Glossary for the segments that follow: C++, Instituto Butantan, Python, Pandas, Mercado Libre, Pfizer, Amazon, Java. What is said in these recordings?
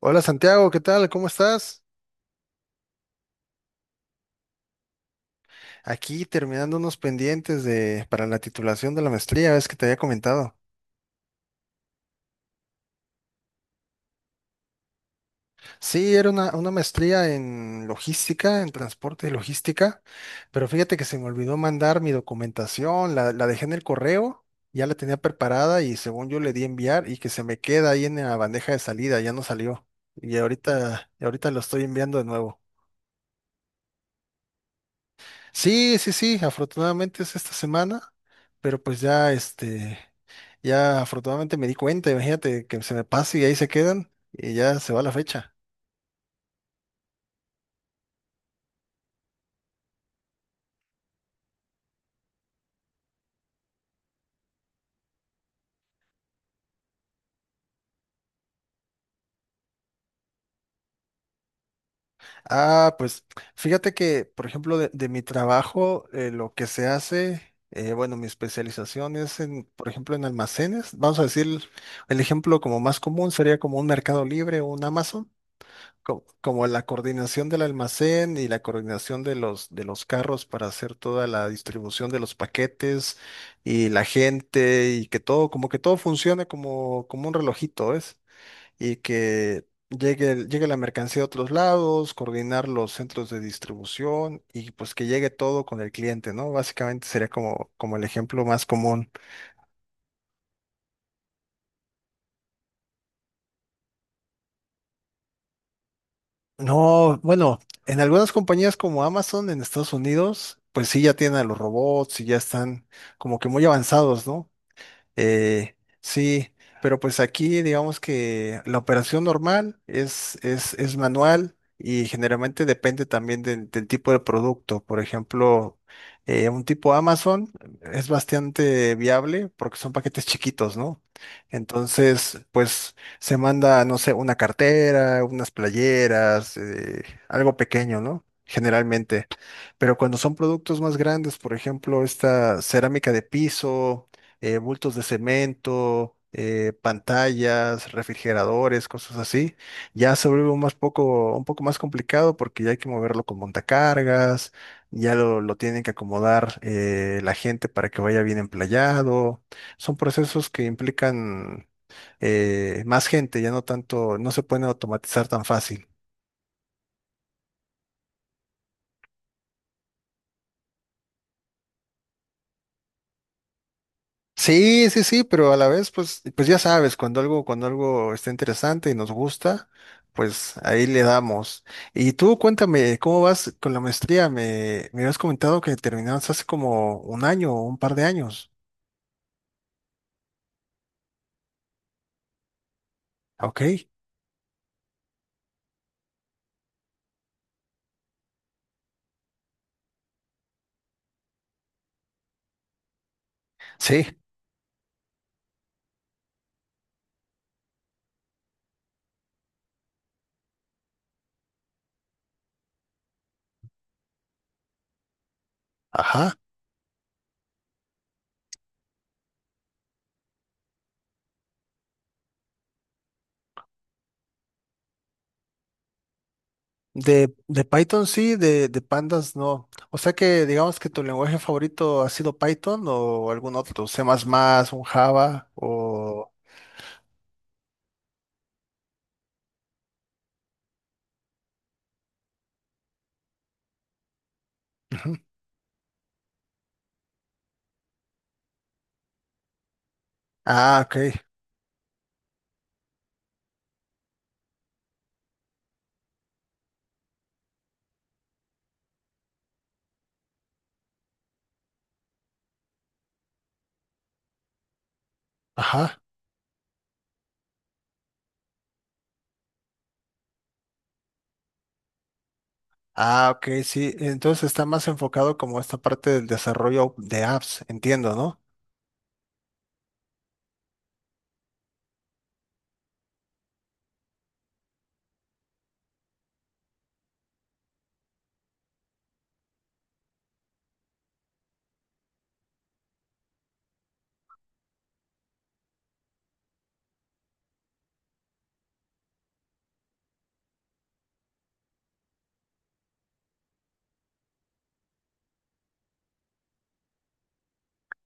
Hola Santiago, ¿qué tal? ¿Cómo estás? Aquí terminando unos pendientes para la titulación de la maestría, ves que te había comentado. Sí, era una maestría en logística, en transporte y logística, pero fíjate que se me olvidó mandar mi documentación, la dejé en el correo, ya la tenía preparada y según yo le di enviar y que se me queda ahí en la bandeja de salida, ya no salió. Y ahorita lo estoy enviando de nuevo. Sí, sí, sí, afortunadamente es esta semana, pero pues ya. Ya afortunadamente me di cuenta, imagínate que se me pase y ahí se quedan y ya se va la fecha. Ah, pues fíjate que, por ejemplo, de mi trabajo, lo que se hace, bueno, mi especialización es en, por ejemplo, en almacenes. Vamos a decir, el ejemplo como más común sería como un Mercado Libre o un Amazon. Como la coordinación del almacén y la coordinación de los carros para hacer toda la distribución de los paquetes y la gente y que todo, como que todo funcione como un relojito, ¿ves? Y que llegue, llegue la mercancía a otros lados, coordinar los centros de distribución y pues que llegue todo con el cliente, ¿no? Básicamente sería como el ejemplo más común. No, bueno, en algunas compañías como Amazon en Estados Unidos, pues sí ya tienen a los robots y ya están como que muy avanzados, ¿no? Sí, pero pues aquí digamos que la operación normal es manual y generalmente depende también del tipo de producto. Por ejemplo, un tipo Amazon es bastante viable porque son paquetes chiquitos, ¿no? Entonces, pues se manda, no sé, una cartera, unas playeras, algo pequeño, ¿no? Generalmente. Pero cuando son productos más grandes, por ejemplo, esta cerámica de piso, bultos de cemento, pantallas, refrigeradores, cosas así. Ya se vuelve un poco más complicado porque ya hay que moverlo con montacargas, ya lo tienen que acomodar la gente para que vaya bien emplayado. Son procesos que implican más gente, ya no tanto, no se pueden automatizar tan fácil. Sí, sí, sí, pero a la vez, pues ya sabes, cuando algo está interesante y nos gusta, pues ahí le damos. Y tú cuéntame, ¿cómo vas con la maestría? Me habías comentado que terminaste hace como un año o un par de años. Ok, sí, ajá. De Python sí, de Pandas no. O sea que digamos que tu lenguaje favorito ha sido Python o algún otro, C++, un Java o... Ujú. Ah, ok, ajá. Ah, ok, sí. Entonces está más enfocado como esta parte del desarrollo de apps, entiendo, ¿no?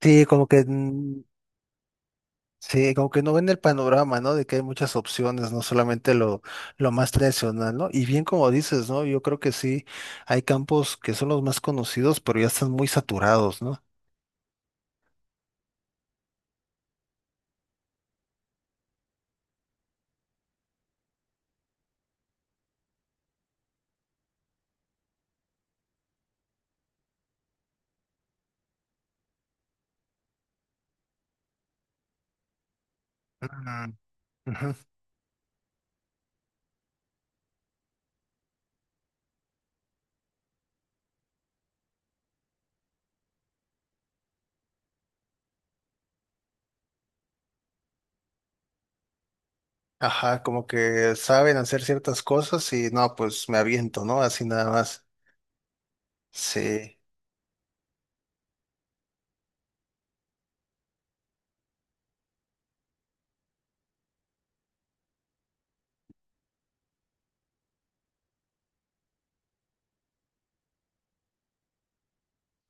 Sí, como que mm, sí, como que no ven el panorama, ¿no? De que hay muchas opciones, no solamente lo más tradicional, ¿no? Y bien como dices, ¿no? Yo creo que sí, hay campos que son los más conocidos, pero ya están muy saturados, ¿no? Mm, ujú. Ajá, como que saben hacer ciertas cosas y no, pues me aviento, ¿no? Así nada más. Sí.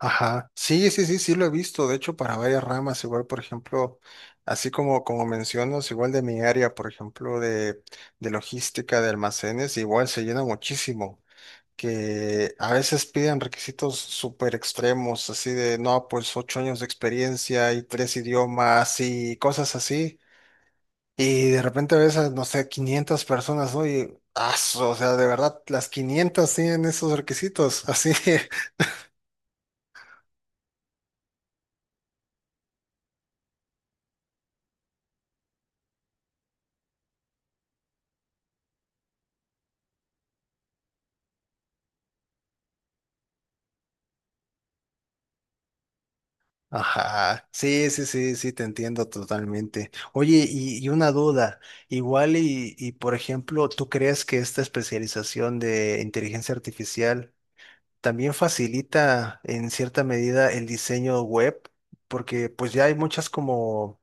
Ajá. Sí, sí, sí, sí lo he visto. De hecho, para varias ramas, igual, por ejemplo, así como mencionas, igual de mi área, por ejemplo, de logística, de almacenes, igual se llena muchísimo. Que a veces piden requisitos súper extremos, así de, no, pues 8 años de experiencia y tres idiomas y cosas así. Y de repente ves a, no sé, 500 personas, ¿no? Y, o sea, de verdad, las 500 tienen esos requisitos, así. Ajá, sí, sí, sí, sí, te entiendo totalmente. Oye, y una duda, igual y, por ejemplo, ¿tú crees que esta especialización de inteligencia artificial también facilita en cierta medida el diseño web? Porque pues ya hay muchas como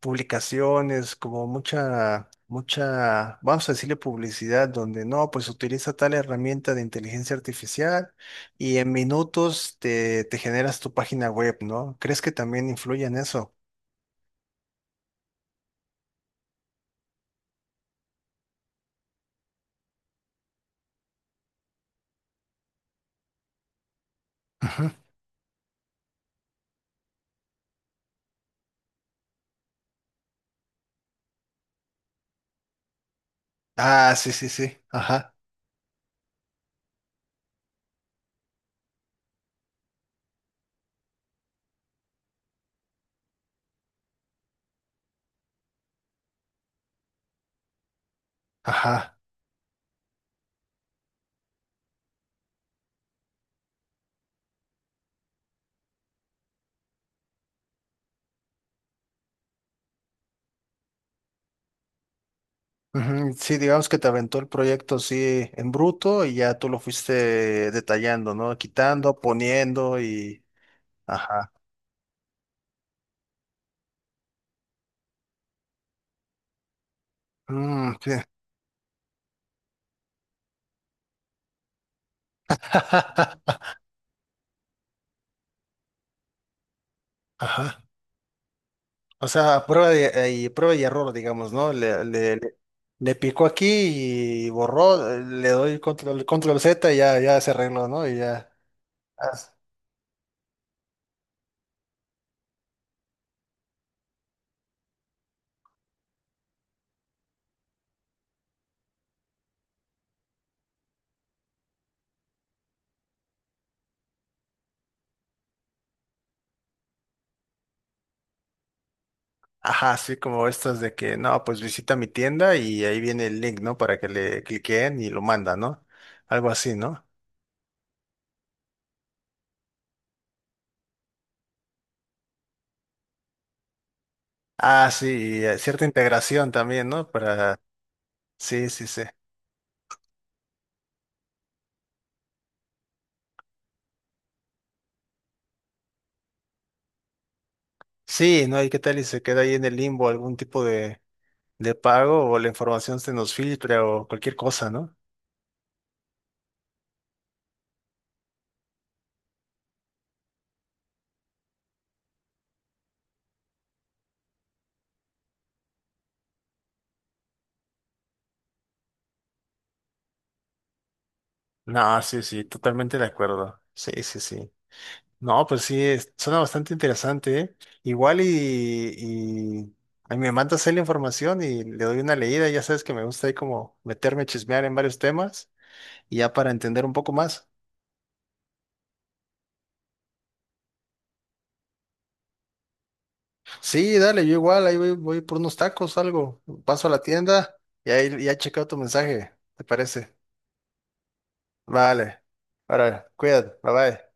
publicaciones, como mucha, mucha, vamos a decirle publicidad, donde no, pues utiliza tal herramienta de inteligencia artificial y en minutos te generas tu página web, ¿no? ¿Crees que también influye en eso? Ujú. Ah, sí, sí, sí, ajá, ajá. Ujú, sí, digamos que te aventó el proyecto así en bruto y ya tú lo fuiste detallando, ¿no? Quitando, poniendo y... Ajá. Mm, sí. Ajá. O sea, y prueba y error, digamos, ¿no? Le picó aquí y borró, le doy control, control Z y ya, ya se arregló, ¿no? Y ya. as- Ajá, así como estas de que, no, pues visita mi tienda y ahí viene el link, ¿no? Para que le cliquen y lo manda, ¿no? Algo así, ¿no? Ah, sí, y cierta integración también, ¿no? Sí, sí, sí. Sí, ¿no? ¿Y qué tal? Y se queda ahí en el limbo algún tipo de pago o la información se nos filtra o cualquier cosa, ¿no? No, sí, sí, totalmente de acuerdo. Sí, sí, sí. No, pues sí, suena bastante interesante, ¿eh? Igual y ahí me mandas ahí la información y le doy una leída. Ya sabes que me gusta ahí como meterme a chismear en varios temas y ya para entender un poco más. Sí, dale, yo igual, ahí voy por unos tacos, algo. Paso a la tienda y ahí ya he checado tu mensaje, ¿te parece? Vale. Ahora, cuídate, bye bye.